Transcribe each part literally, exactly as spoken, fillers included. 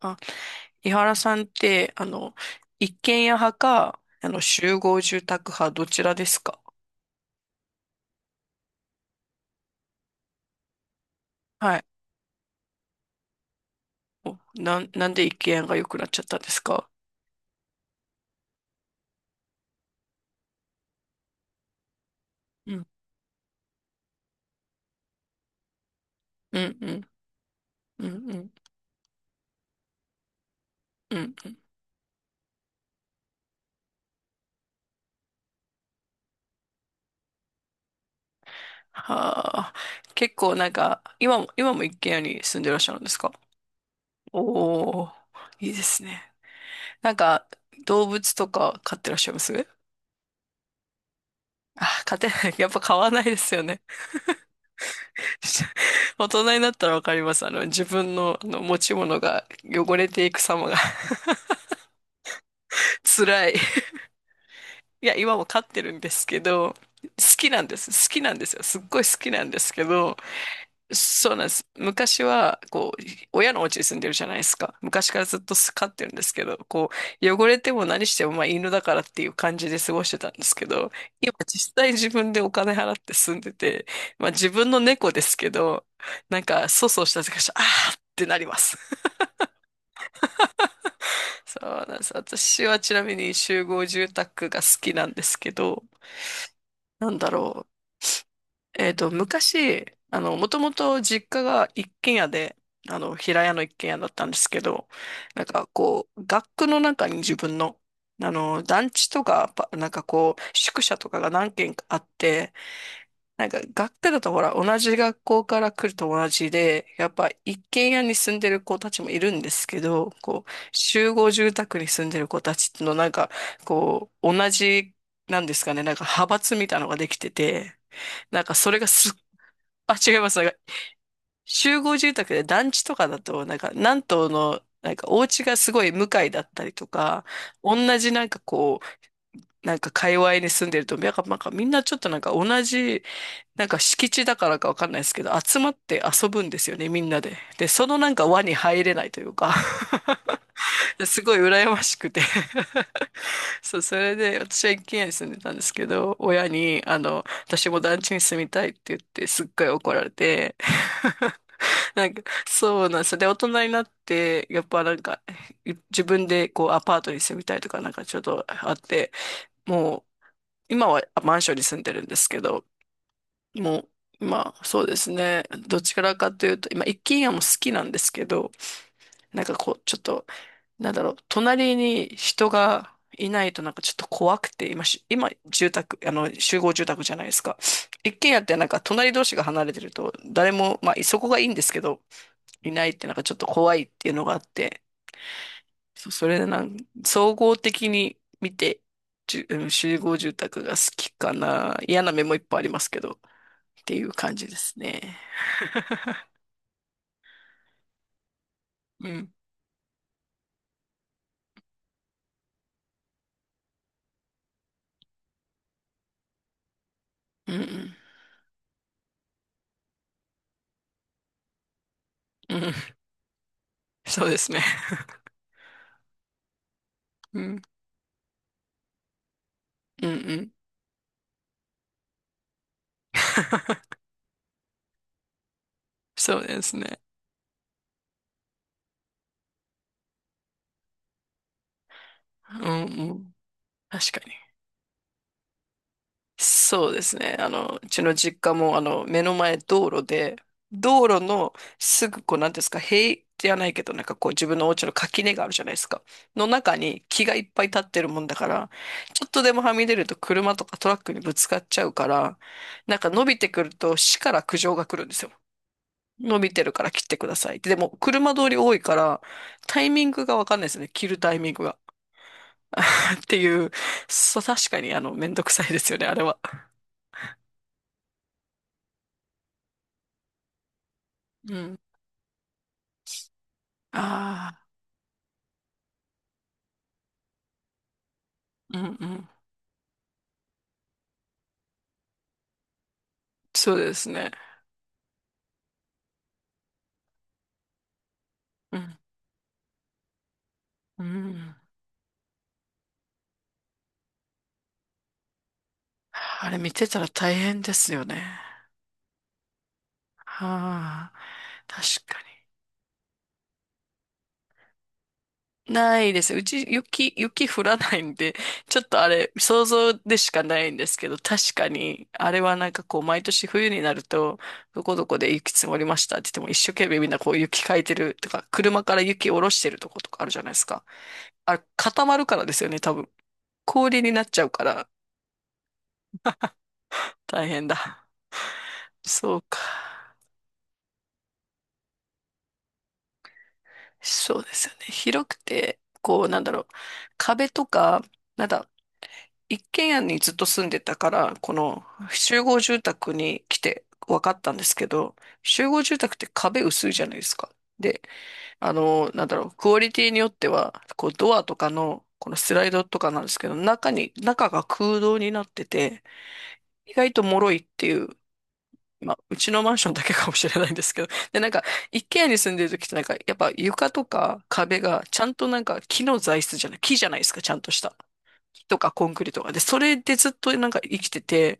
あ、井原さんって、あの、一軒家派か、あの、集合住宅派、どちらですか？はい。お、なん、なんで一軒家が良くなっちゃったんですか？うん、うん、うん、うん、うん、うん。うんはあ、結構なんか、今も、今も一軒家に住んでらっしゃるんですか？おー、いいですね。なんか、動物とか飼ってらっしゃいます？あ、飼ってない。やっぱ飼わないですよね。大人になったらわかります。あの、自分の、あの持ち物が汚れていく様が。 辛い。いや、今も飼ってるんですけど、好きなんです。好きなんですよ。すっごい好きなんですけど、そうなんです。昔は、こう、親のお家に住んでるじゃないですか。昔からずっと飼ってるんですけど、こう、汚れても何しても、まあ、犬だからっていう感じで過ごしてたんですけど、今実際自分でお金払って住んでて、まあ、自分の猫ですけど、なんか、粗相した時から、あーってなります。そうなんです。私はちなみに集合住宅が好きなんですけど、なんだろう。えっと、昔、あの、もともと実家が一軒家で、あの、平屋の一軒家だったんですけど、なんかこう、学区の中に自分の、あの、団地とか、パなんかこう、宿舎とかが何軒かあって、なんか学科だとほら、同じ学校から来る友達で、やっぱ一軒家に住んでる子たちもいるんですけど、こう、集合住宅に住んでる子たちのなんか、こう、同じ、なんですかね、なんか派閥みたいなのができてて、なんかそれがすっ、あ、違います。なんか集合住宅で団地とかだと、なんか何棟の、なんかお家がすごい向かいだったりとか、同じなんかこう、なんか界隈に住んでると、なんか、なんかみんなちょっとなんか同じなんか敷地だからかわかんないですけど、集まって遊ぶんですよね、みんなで。で、そのなんか輪に入れないというか。 すごい羨ましくて。 そう、それで私は一軒家に住んでたんですけど、親に、あの、私も団地に住みたいって言って、すっごい怒られて。 なんか、そうなんですよ。で、大人になって、やっぱなんか、自分でこうアパートに住みたいとかなんかちょっとあって、もう、今はマンションに住んでるんですけど、もう、まあ、そうですね。どちらかというと、今、一軒家も好きなんですけど、なんかこう、ちょっと、なんだろう、隣に人がいないとなんかちょっと怖くて、今し、今、住宅、あの、集合住宅じゃないですか。一軒家ってなんか隣同士が離れてると、誰も、まあ、そこがいいんですけど、いないってなんかちょっと怖いっていうのがあって、そそれでなん、総合的に見て、じゅうん集合住宅が好きかな。嫌な面もいっぱいありますけど、っていう感じですね。うん。うん。うん。うん。そうですね。うん。うん。うん。そうですね。うん。うん。確かに。そうですね。あの、うちの実家も、あの、目の前道路で、道路のすぐ、こう、なんていうんですか、塀じゃないけど、なんかこう、自分のお家の垣根があるじゃないですか。の中に木がいっぱい立ってるもんだから、ちょっとでもはみ出ると車とかトラックにぶつかっちゃうから、なんか伸びてくると死から苦情が来るんですよ。伸びてるから切ってくださいって。でも、車通り多いから、タイミングがわかんないですね。切るタイミングが。っていう、そう、確かに、あの、めんどくさいですよね、あれは。うん。ああ、うん。うん。そうですね。うん。うん。あれ見てたら大変ですよね。はあ、確かに。ないです。うち雪、雪降らないんで、ちょっとあれ、想像でしかないんですけど、確かに、あれはなんかこう、毎年冬になると、どこどこで雪積もりましたって言っても、一生懸命みんなこう雪かいてるとか、車から雪下ろしてるとことかあるじゃないですか。あれ、固まるからですよね、多分。氷になっちゃうから、大変だ。そうか。そうですよね。広くて、こう、なんだろう。壁とか、なんだ、一軒家にずっと住んでたから、この集合住宅に来て分かったんですけど、集合住宅って壁薄いじゃないですか。で、あの、なんだろう、クオリティによっては、こうドアとかの、このスライドとかなんですけど、中に、中が空洞になってて、意外と脆いっていう、まあ、うちのマンションだけかもしれないんですけど、で、なんか、一軒家に住んでる時ってなんか、やっぱ床とか壁が、ちゃんとなんか木の材質じゃない、木じゃないですか、ちゃんとした。木とかコンクリとかで、それでずっとなんか生きてて、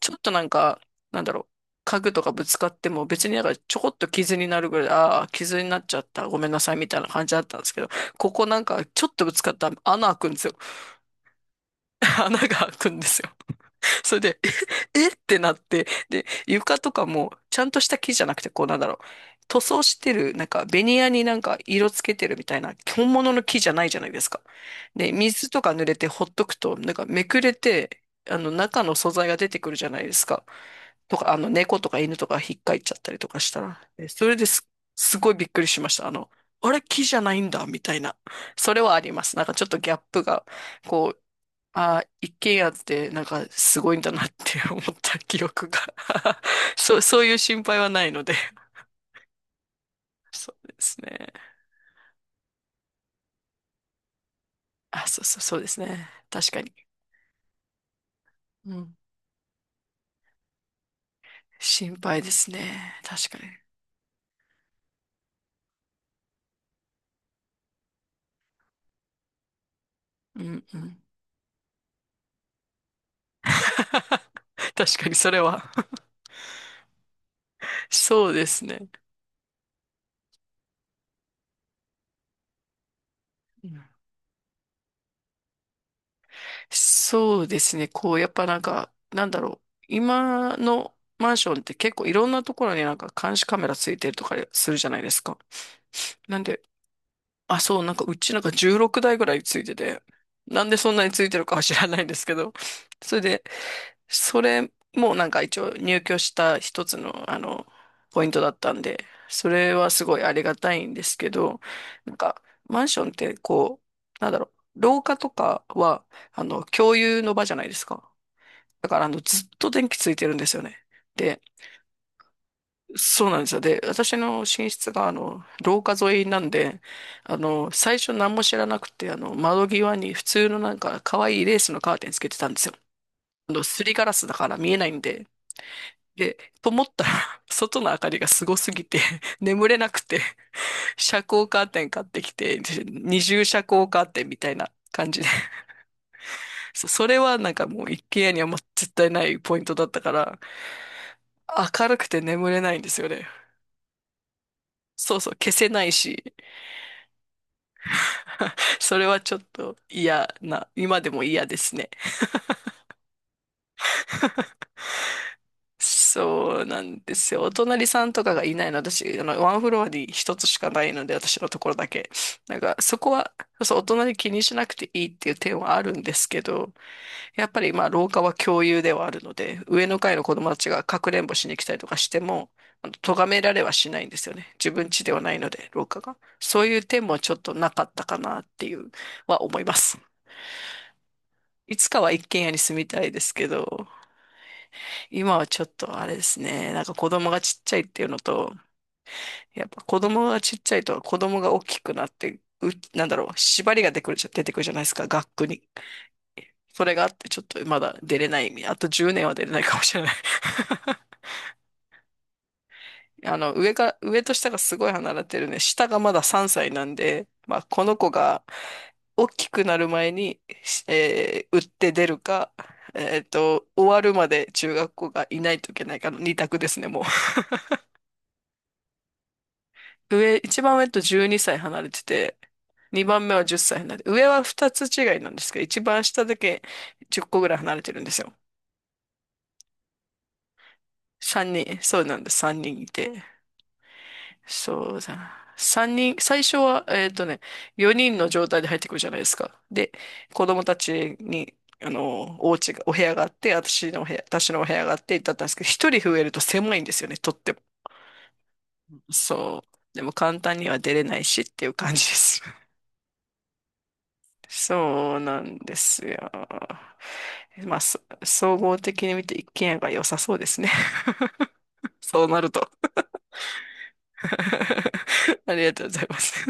ちょっとなんか、なんだろう、家具とかぶつかっても別になんかちょこっと傷になるぐらい、ああ、傷になっちゃった、ごめんなさいみたいな感じだったんですけど、ここなんかちょっとぶつかったら穴開くんですよ。穴が開くんですよ。それで、え。 えってなって、で、床とかも、ちゃんとした木じゃなくて、こうなんだろう、塗装してる、なんか、ベニヤになんか色つけてるみたいな、本物の木じゃないじゃないですか。で、水とか濡れてほっとくと、なんかめくれて、あの、中の素材が出てくるじゃないですか。とか、あの、猫とか犬とか引っかいちゃったりとかしたら、えそれです、すごいびっくりしました。あの、あれ、木じゃないんだ、みたいな。それはあります。なんかちょっとギャップが、こあ、一軒家ってなんかすごいんだなって思った記憶が。 そう、そういう心配はないので。 そうですね。あ、そうそう、そうですね。確かに。うん。心配ですね。確かに。うん。うん。確かにそれは。 そうですね。うん。そうですね。こう、やっぱなんか、なんだろう。今のマンションって結構いろんなところになんか監視カメラついてるとかするじゃないですか。なんで、あ、そう、なんかうちなんかじゅうろくだいぐらいついてて、なんでそんなについてるかは知らないんですけど、それで、それもなんか一応入居した一つの、あの、ポイントだったんで、それはすごいありがたいんですけど、なんかマンションってこう、なんだろう、廊下とかは、あの、共有の場じゃないですか。だからあの、ずっと電気ついてるんですよね。でそうなんですよ。で、私の寝室が、あの、廊下沿いなんで、あの、最初何も知らなくて、あの、窓際に普通のなんか、可愛いレースのカーテンつけてたんですよ。あの、すりガラスだから見えないんで。で、と思ったら、外の明かりがすごすぎて、眠れなくて、遮光カーテン買ってきて、二重遮光カーテンみたいな感じで。そそれはなんかもう一軒家にはもう絶対ないポイントだったから、明るくて眠れないんですよね。そうそう、消せないし。それはちょっと嫌な、今でも嫌ですね。そうなんですよ。お隣さんとかがいないの、私、あの、ワンフロアに一つしかないので、私のところだけ。なんか、そこは、そう、お隣気にしなくていいっていう点はあるんですけど、やっぱりまあ廊下は共有ではあるので、上の階の子供たちがかくれんぼしに来たりとかしても、あの、咎められはしないんですよね。自分家ではないので、廊下が。そういう点もちょっとなかったかなっていうは思います。いつかは一軒家に住みたいですけど、今はちょっとあれですね、なんか子供がちっちゃいっていうのと、やっぱ子供がちっちゃいと子供が大きくなって、う、なんだろう、縛りが出てくるじゃ、出てくるじゃないですか、学区に。それがあってちょっとまだ出れない。あとじゅうねんは出れないかもしれない。あの、上が、上と下がすごい離れてるね。下がまださんさいなんで、まあ、この子が大きくなる前に、しえー売って出るか、えっと、終わるまで中学校がいないといけないかの二択ですね、もう。上、一番上とじゅうにさい離れてて、二番目はじゅっさい離れて、上は二つ違いなんですけど、一番下だけじゅっこぐらい離れてるんですよ。三人、そうなんです、三人いて。そうだな。三人、最初は、えっとね、よにんの状態で入ってくるじゃないですか。で、子供たちに、あの、お家が、お部屋があって、私のお部屋、私のお部屋があって、だったんですけど、一人増えると狭いんですよね、とっても。そう。でも簡単には出れないしっていう感じです。そうなんですよ。まあ、そ総合的に見て一軒家が良さそうですね。そうなると。ありがとうございます。